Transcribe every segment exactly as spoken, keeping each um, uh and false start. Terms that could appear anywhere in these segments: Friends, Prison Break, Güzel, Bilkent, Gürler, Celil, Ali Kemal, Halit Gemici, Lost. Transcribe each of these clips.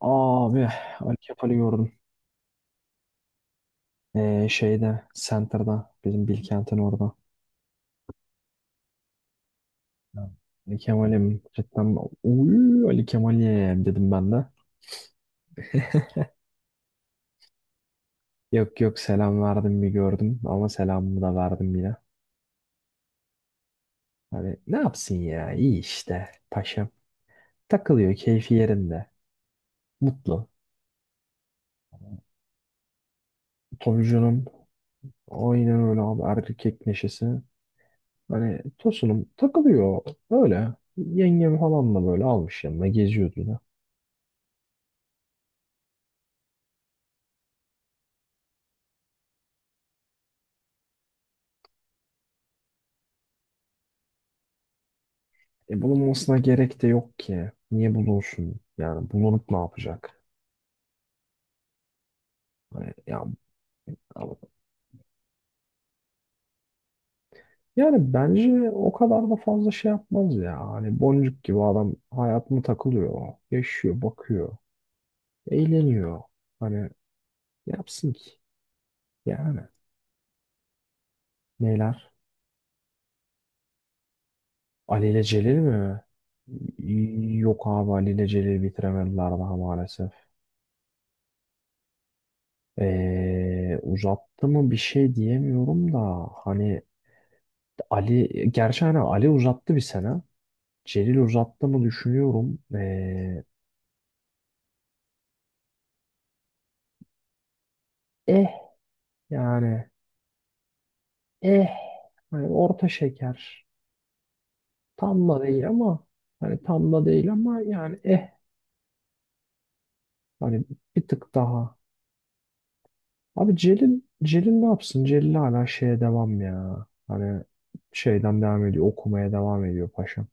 Abi Ali Kemal'i gördüm. Ee, şeyde Center'da bizim Bilkent'in orada. Ha. Ali Kemal'im cidden uy Ali Kemal'im dedim ben de. Yok yok selam verdim bir gördüm ama selamımı da verdim yine. Hani ne yapsın ya iyi işte paşam. Takılıyor keyfi yerinde. Mutlu. Tabii canım. Aynen öyle abi erkek neşesi. Hani tosunum takılıyor öyle. Yengem falan da böyle almış yanına geziyordu yine. E, bulunmasına gerek de yok ki. Niye bulunsun? Yani bulunup ne yapacak? Hani, ya, yani bence o kadar da fazla şey yapmaz ya. Hani boncuk gibi adam hayatına takılıyor. Yaşıyor, bakıyor. Eğleniyor. Hani ne yapsın ki. Yani neler? Ali ile Celil mi? Y- Yok abi Ali ile Celil bitiremediler daha maalesef. Ee, uzattı mı bir şey diyemiyorum da hani Ali gerçi hani Ali uzattı bir sene. Celil uzattı mı düşünüyorum. Ee, eh Yani eh hani orta şeker. Tam da değil ama hani tam da değil ama yani eh hani bir tık daha. Abi Celil Celil ne yapsın? Celil hala şeye devam ya. Hani şeyden devam ediyor. Okumaya devam ediyor paşam.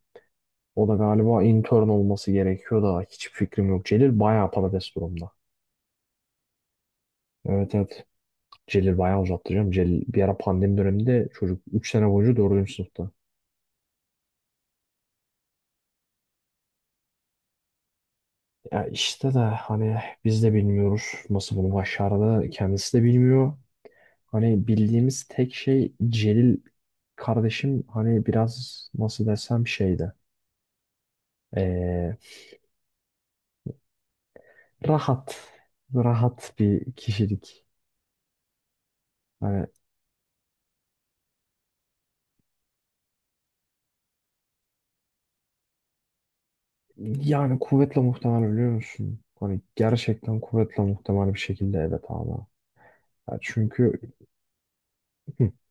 O da galiba intern olması gerekiyor da hiçbir fikrim yok. Celil bayağı patates durumda. Evet evet. Celil bayağı uzattı canım. Celil bir ara pandemi döneminde çocuk üç sene boyunca dördüncü sınıfta. Ya işte de hani biz de bilmiyoruz nasıl bunu başardı. Kendisi de bilmiyor. Hani bildiğimiz tek şey Celil kardeşim hani biraz nasıl desem şeydi. Ee, Rahat. Rahat bir kişilik. Hani yani kuvvetle muhtemel biliyor musun? Hani gerçekten kuvvetle muhtemel bir şekilde evet ama. Ya çünkü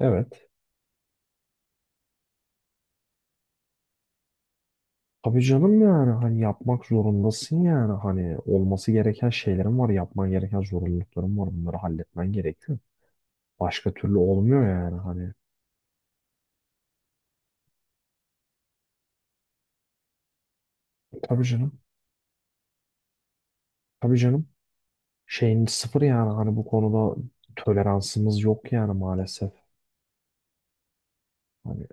evet. Tabii canım yani hani yapmak zorundasın yani hani olması gereken şeylerin var yapman gereken zorunlulukların var bunları halletmen gerekiyor. Başka türlü olmuyor yani hani. Tabii canım tabii canım şeyin sıfır yani hani bu konuda toleransımız yok yani maalesef. Hani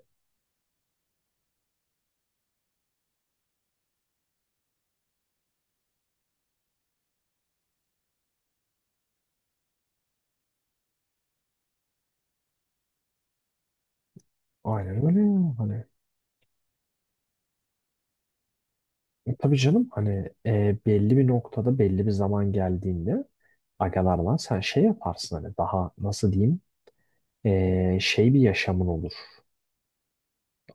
aynen öyle yani hani. E, Tabii canım hani e, belli bir noktada belli bir zaman geldiğinde agalarla sen şey yaparsın hani daha nasıl diyeyim e, şey bir yaşamın olur.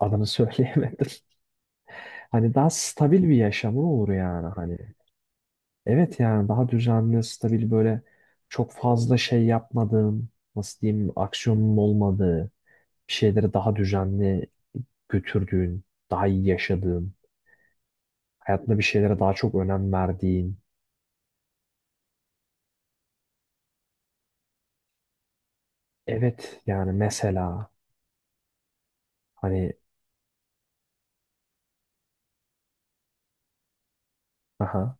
Adını söyleyemedim. Hani daha stabil bir yaşamın olur yani hani. Evet yani daha düzenli, stabil böyle çok fazla şey yapmadığın, nasıl diyeyim, aksiyonun olmadığı, bir şeyleri daha düzenli götürdüğün, daha iyi yaşadığın, hayatında bir şeylere daha çok önem verdiğin. Evet yani mesela hani aha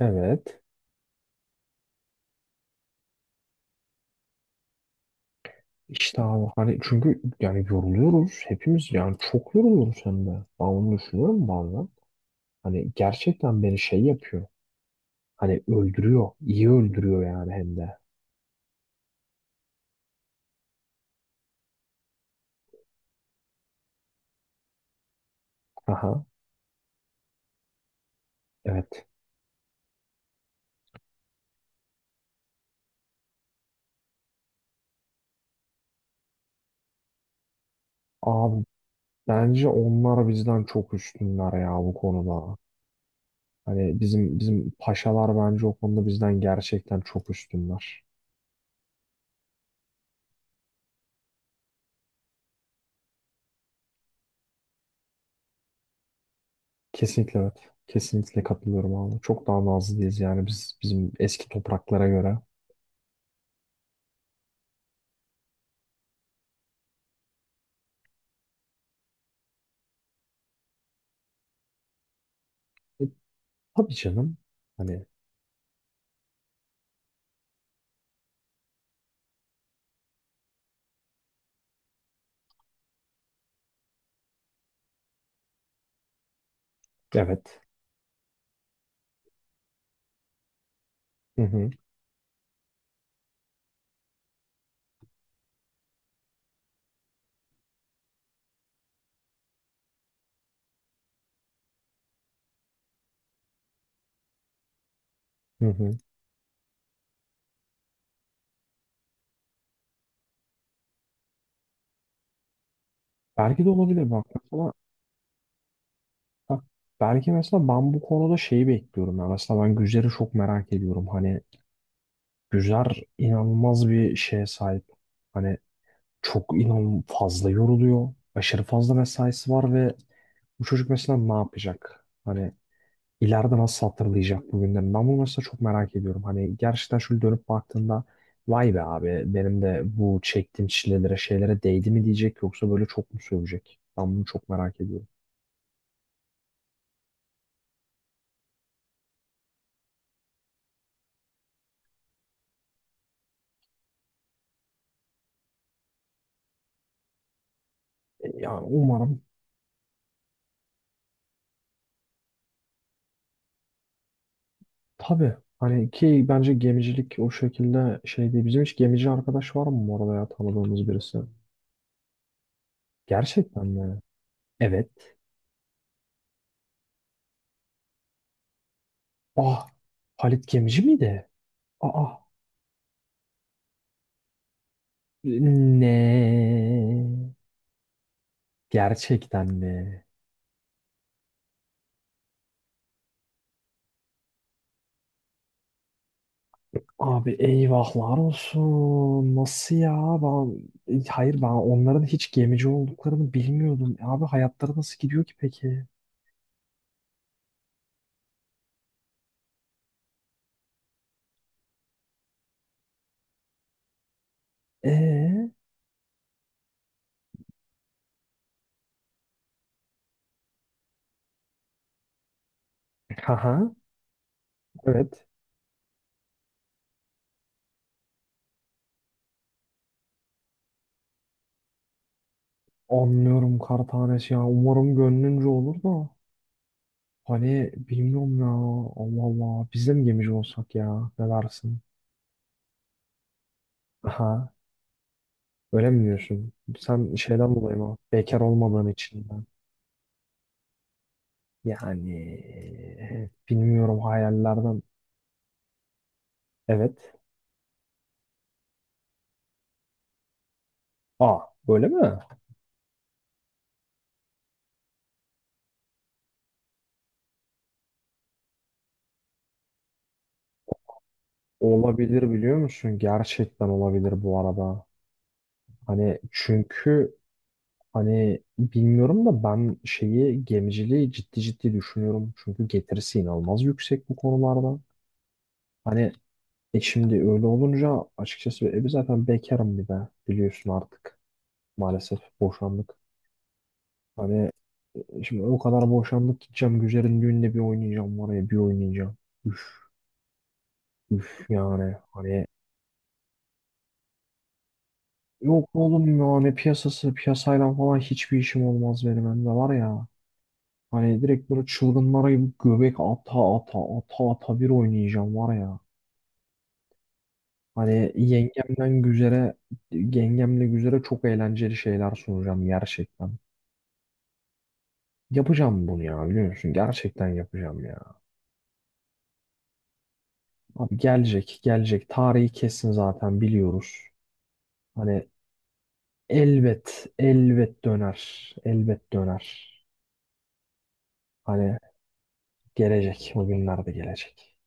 evet işte abi hani çünkü yani yoruluyoruz hepimiz yani çok yoruluyoruz hem de. Ben onu düşünüyorum bazen. Hani gerçekten beni şey yapıyor. Hani öldürüyor. İyi öldürüyor yani hem de. Aha. Evet. Abi bence onlar bizden çok üstünler ya bu konuda. Hani bizim bizim paşalar bence o konuda bizden gerçekten çok üstünler. Kesinlikle evet. Kesinlikle katılıyorum abi. Çok daha nazlıyız yani biz bizim eski topraklara göre. E, tabii canım. Hani evet. Hı hı. Hı hı. Belki de olabilir bak. Mesela, bak, belki mesela ben bu konuda şeyi bekliyorum. Ya. Mesela ben güzleri çok merak ediyorum. Hani Gürler inanılmaz bir şeye sahip. Hani çok inan fazla yoruluyor. Aşırı fazla mesaisi var ve bu çocuk mesela ne yapacak? Hani ileride nasıl hatırlayacak bu günleri? Ben bunu mesela çok merak ediyorum. Hani gerçekten şöyle dönüp baktığında vay be abi benim de bu çektiğim çilelere şeylere değdi mi diyecek yoksa böyle çok mu sövecek? Ben bunu çok merak ediyorum. E, Yani umarım tabii. Hani ki bence gemicilik o şekilde şey değil. Bizim hiç gemici arkadaş var mı bu arada ya tanıdığımız birisi? Gerçekten mi? Evet. Ah, Halit Gemici miydi? Aa, ne? Gerçekten mi? Abi eyvahlar olsun. Nasıl ya? Ben, hayır ben onların hiç gemici olduklarını bilmiyordum. Abi hayatları nasıl gidiyor ki peki? Ee? Haha. Evet. Anlıyorum kar tanesi ya. Umarım gönlünce olur da. Hani bilmiyorum ya. Allah Allah. Biz de mi gemici olsak ya? Ne dersin? Aha. Öyle mi diyorsun? Sen şeyden dolayı mı? Bekar olmadığın için mi? Yani bilmiyorum hayallerden. Evet. Aa, böyle mi? Olabilir biliyor musun? Gerçekten olabilir bu arada. Hani çünkü hani bilmiyorum da ben şeyi gemiciliği ciddi ciddi düşünüyorum. Çünkü getirisi inanılmaz yüksek bu konularda. Hani e şimdi öyle olunca açıkçası e, zaten bekarım bir de biliyorsun artık maalesef boşandık. Hani e, şimdi o kadar boşandık gideceğim Güzel'in düğünde bir oynayacağım var ya bir oynayacağım. Üf, üf yani hani yok oğlum yani piyasası piyasayla falan hiçbir işim olmaz benim hem de var ya. Hani direkt böyle çılgınlara gibi göbek ata ata ata ata bir oynayacağım var ya. Hani yengemden güzere yengemle güzere çok eğlenceli şeyler sunacağım gerçekten. Yapacağım bunu ya biliyor musun? Gerçekten yapacağım ya. Abi gelecek gelecek tarihi kesin zaten biliyoruz. Hani elbet, elbet döner. Elbet döner. Hani gelecek. O günler de gelecek.